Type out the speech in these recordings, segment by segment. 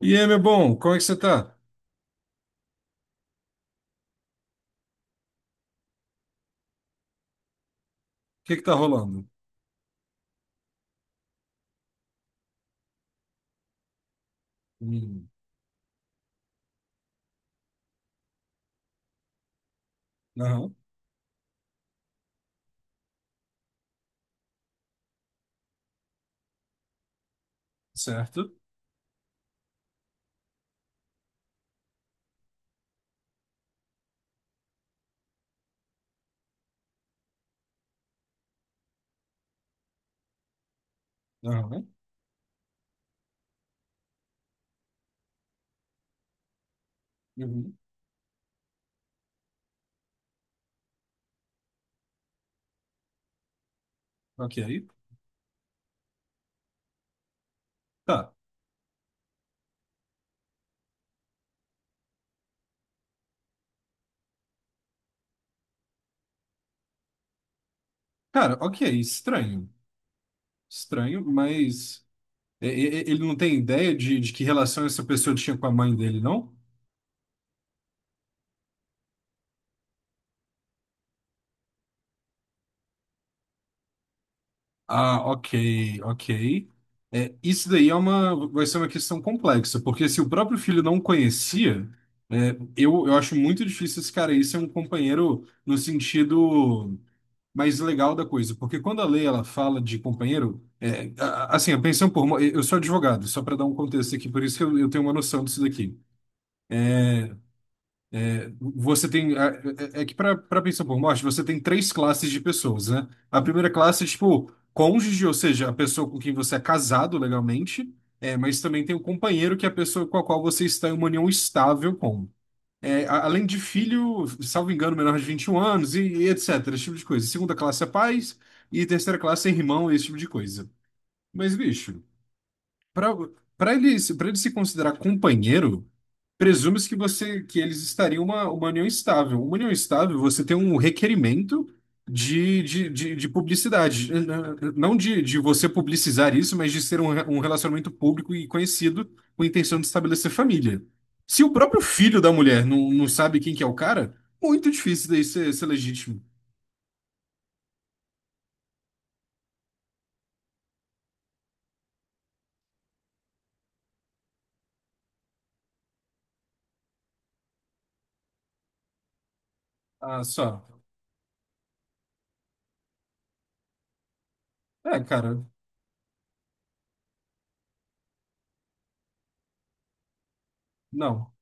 E aí, meu bom, como é que você tá? O que que tá rolando? Hum. Aham, certo. Aham, uhum, ok. Tá. Cara, ok, estranho. Estranho, mas ele não tem ideia de que relação essa pessoa tinha com a mãe dele, não? Ah, ok, ok. É, isso daí é uma, vai ser uma questão complexa, porque se o próprio filho não conhecia, é, eu acho muito difícil esse cara aí ser um companheiro no sentido mais legal da coisa, porque quando a lei ela fala de companheiro, é, assim, a pensão por morte, eu sou advogado, só para dar um contexto aqui, por isso que eu tenho uma noção disso daqui. Você tem, é, é que para pensão por morte, você tem três classes de pessoas, né? A primeira classe é tipo cônjuge, ou seja, a pessoa com quem você é casado legalmente, é, mas também tem o companheiro, que é a pessoa com a qual você está em uma união estável com. É, além de filho, salvo engano, menor de 21 anos e etc. Esse tipo de coisa. Segunda classe é pais e terceira classe é irmão, esse tipo de coisa. Mas, bicho, pra, pra ele se considerar companheiro. Presume-se que você que eles estariam uma união estável. Uma união estável, você tem um requerimento de publicidade. Não de você publicizar isso, mas de ser um relacionamento público e conhecido com a intenção de estabelecer família. Se o próprio filho da mulher não sabe quem que é o cara, muito difícil daí ser, ser legítimo. Ah, só. É, cara, não.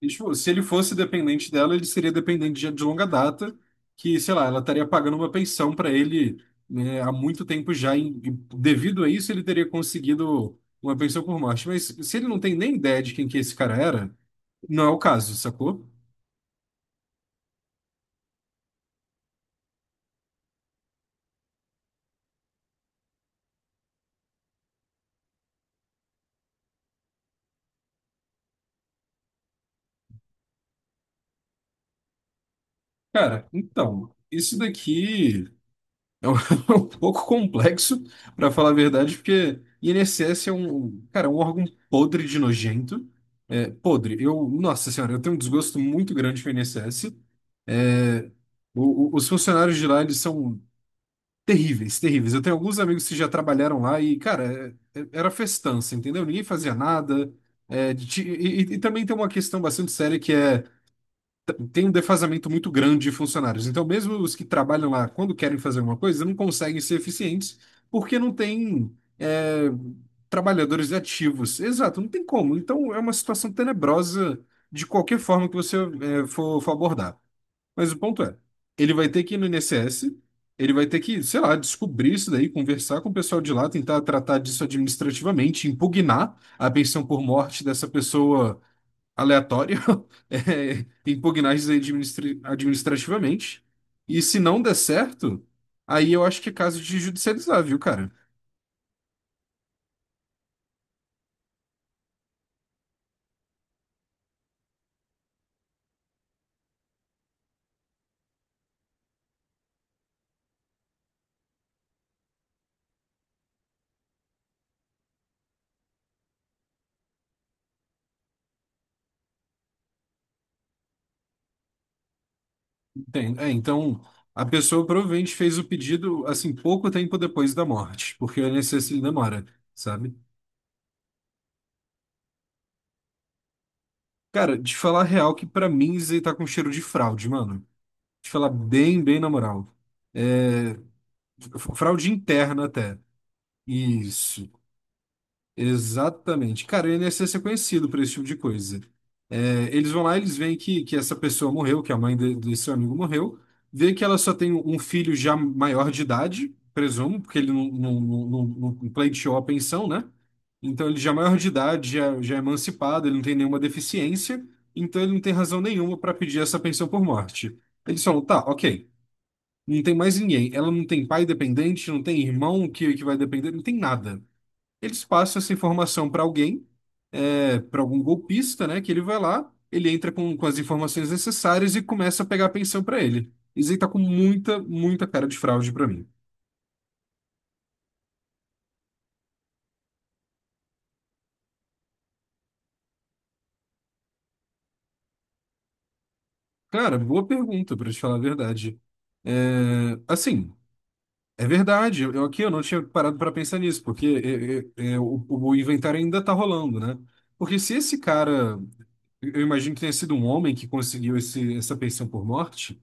E, tipo, se ele fosse dependente dela, ele seria dependente de longa data, que, sei lá, ela estaria pagando uma pensão para ele, né, há muito tempo já, e devido a isso ele teria conseguido uma pensão por morte. Mas se ele não tem nem ideia de quem que esse cara era, não é o caso, sacou? Cara, então, isso daqui é um, um pouco complexo, para falar a verdade, porque INSS é um, cara, é um órgão podre de nojento. É, podre. Eu, nossa senhora, eu tenho um desgosto muito grande com o INSS. Os funcionários de lá, eles são terríveis, terríveis. Eu tenho alguns amigos que já trabalharam lá e, cara, era festança, entendeu? Ninguém fazia nada. É, e, e também tem uma questão bastante séria que é, tem um defasamento muito grande de funcionários. Então, mesmo os que trabalham lá, quando querem fazer alguma coisa, não conseguem ser eficientes porque não tem, é, trabalhadores ativos. Exato, não tem como. Então, é uma situação tenebrosa de qualquer forma que você, é, for abordar. Mas o ponto é, ele vai ter que ir no INSS, ele vai ter que, sei lá, descobrir isso daí, conversar com o pessoal de lá, tentar tratar disso administrativamente, impugnar a pensão por morte dessa pessoa aleatória, é, impugnar isso aí administrativamente. E se não der certo, aí eu acho que é caso de judicializar, viu, cara? É, então, a pessoa provavelmente fez o pedido, assim, pouco tempo depois da morte, porque o INSS ele demora, sabe? Cara, de falar a real que pra mim isso aí tá com cheiro de fraude, mano. De falar bem, bem na moral. É, fraude interna até. Isso. Exatamente. Cara, o INSS é conhecido por esse tipo de coisa. É, eles vão lá, eles veem que essa pessoa morreu, que a mãe desse seu amigo morreu, vê que ela só tem um filho já maior de idade, presumo, porque ele não pleiteou a pensão, né? Então ele já é maior de idade, já é emancipado, ele não tem nenhuma deficiência, então ele não tem razão nenhuma para pedir essa pensão por morte. Eles falam, tá, ok, não tem mais ninguém. Ela não tem pai dependente, não tem irmão que vai depender, não tem nada. Eles passam essa informação para alguém, é, para algum golpista, né? Que ele vai lá, ele entra com as informações necessárias e começa a pegar a pensão para ele. Isso aí tá com muita, muita cara de fraude para mim. Cara, boa pergunta, para te falar a verdade. É, assim, é verdade. Eu aqui eu não tinha parado para pensar nisso, porque o inventário ainda tá rolando, né? Porque se esse cara, eu imagino que tenha sido um homem que conseguiu esse, essa pensão por morte.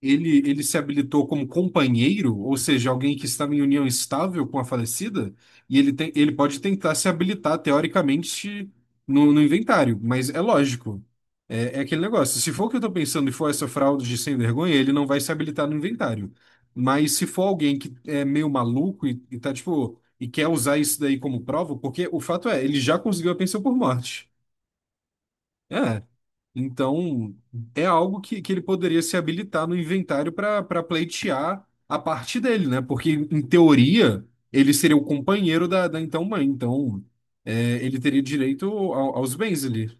Ele se habilitou como companheiro, ou seja, alguém que estava em união estável com a falecida, e ele, tem, ele pode tentar se habilitar teoricamente no inventário, mas é lógico. É, é aquele negócio. Se for o que eu estou pensando e for essa fraude de sem vergonha, ele não vai se habilitar no inventário. Mas se for alguém que é meio maluco e tá tipo, e quer usar isso daí como prova, porque o fato é, ele já conseguiu a pensão por morte. É. Então, é algo que ele poderia se habilitar no inventário para pleitear a parte dele, né? Porque, em teoria, ele seria o companheiro da então mãe. Então, é, ele teria direito aos bens ali.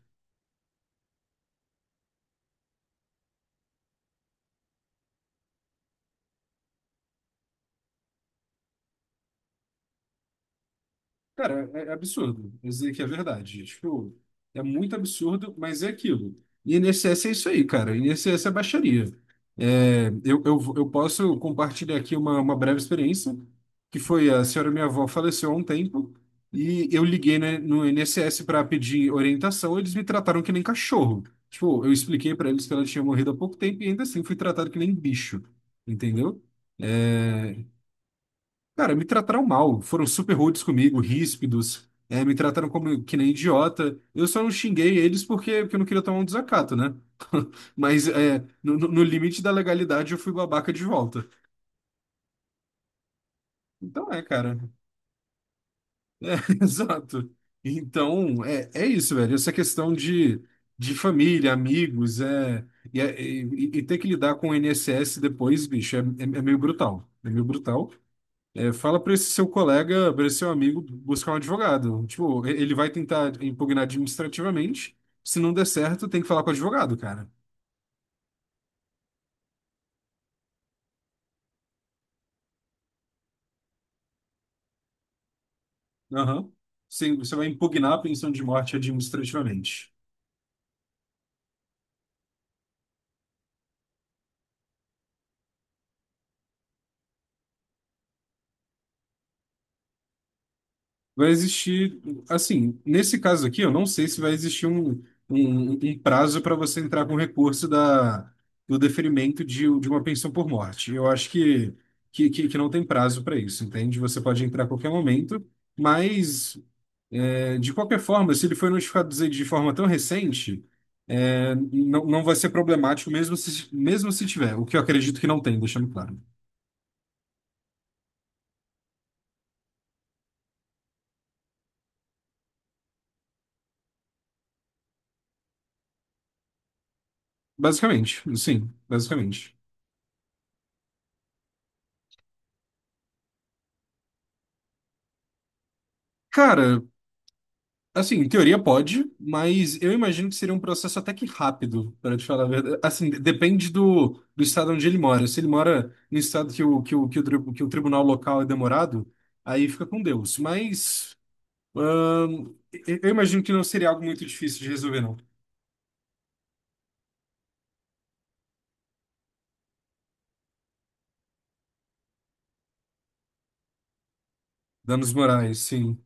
Cara, é, é absurdo. Vou dizer que é verdade. Tipo, é muito absurdo, mas é aquilo. E INSS é isso aí, cara. INSS é baixaria. É, eu posso compartilhar aqui uma breve experiência, que foi a senhora minha avó faleceu há um tempo, e eu liguei, né, no INSS para pedir orientação, e eles me trataram que nem cachorro. Tipo, eu expliquei para eles que ela tinha morrido há pouco tempo e ainda assim fui tratado que nem bicho, entendeu? É, cara, me trataram mal, foram super rudes comigo, ríspidos, é, me trataram como que nem idiota. Eu só não xinguei eles porque eu não queria tomar um desacato, né? Mas é, no limite da legalidade eu fui babaca de volta. Então é, cara, exato. Então é, é isso, velho. Essa questão de família, amigos, é, e, e ter que lidar com o INSS depois, bicho, é, é meio brutal. É meio brutal. É, fala para esse seu colega, para esse seu amigo buscar um advogado. Tipo, ele vai tentar impugnar administrativamente. Se não der certo, tem que falar com o advogado, cara. Aham. Sim, você vai impugnar a pensão de morte administrativamente. Vai existir, assim, nesse caso aqui, eu não sei se vai existir um prazo para você entrar com recurso da, do deferimento de uma pensão por morte. Eu acho que não tem prazo para isso, entende? Você pode entrar a qualquer momento. Mas é, de qualquer forma, se ele foi notificado de forma tão recente, é, não vai ser problemático mesmo se tiver, o que eu acredito que não tem, deixando claro. Basicamente, sim, basicamente. Cara, assim, em teoria pode, mas eu imagino que seria um processo até que rápido, para te falar a verdade. Assim, depende do estado onde ele mora. Se ele mora no estado que que o tribunal local é demorado, aí fica com Deus. Mas, eu imagino que não seria algo muito difícil de resolver, não. Danos morais, sim.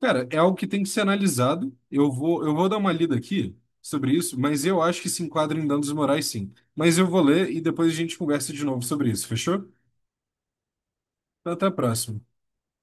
Cara, é algo que tem que ser analisado. Eu vou dar uma lida aqui sobre isso, mas eu acho que se enquadra em danos morais, sim. Mas eu vou ler e depois a gente conversa de novo sobre isso, fechou? Então, até a próxima.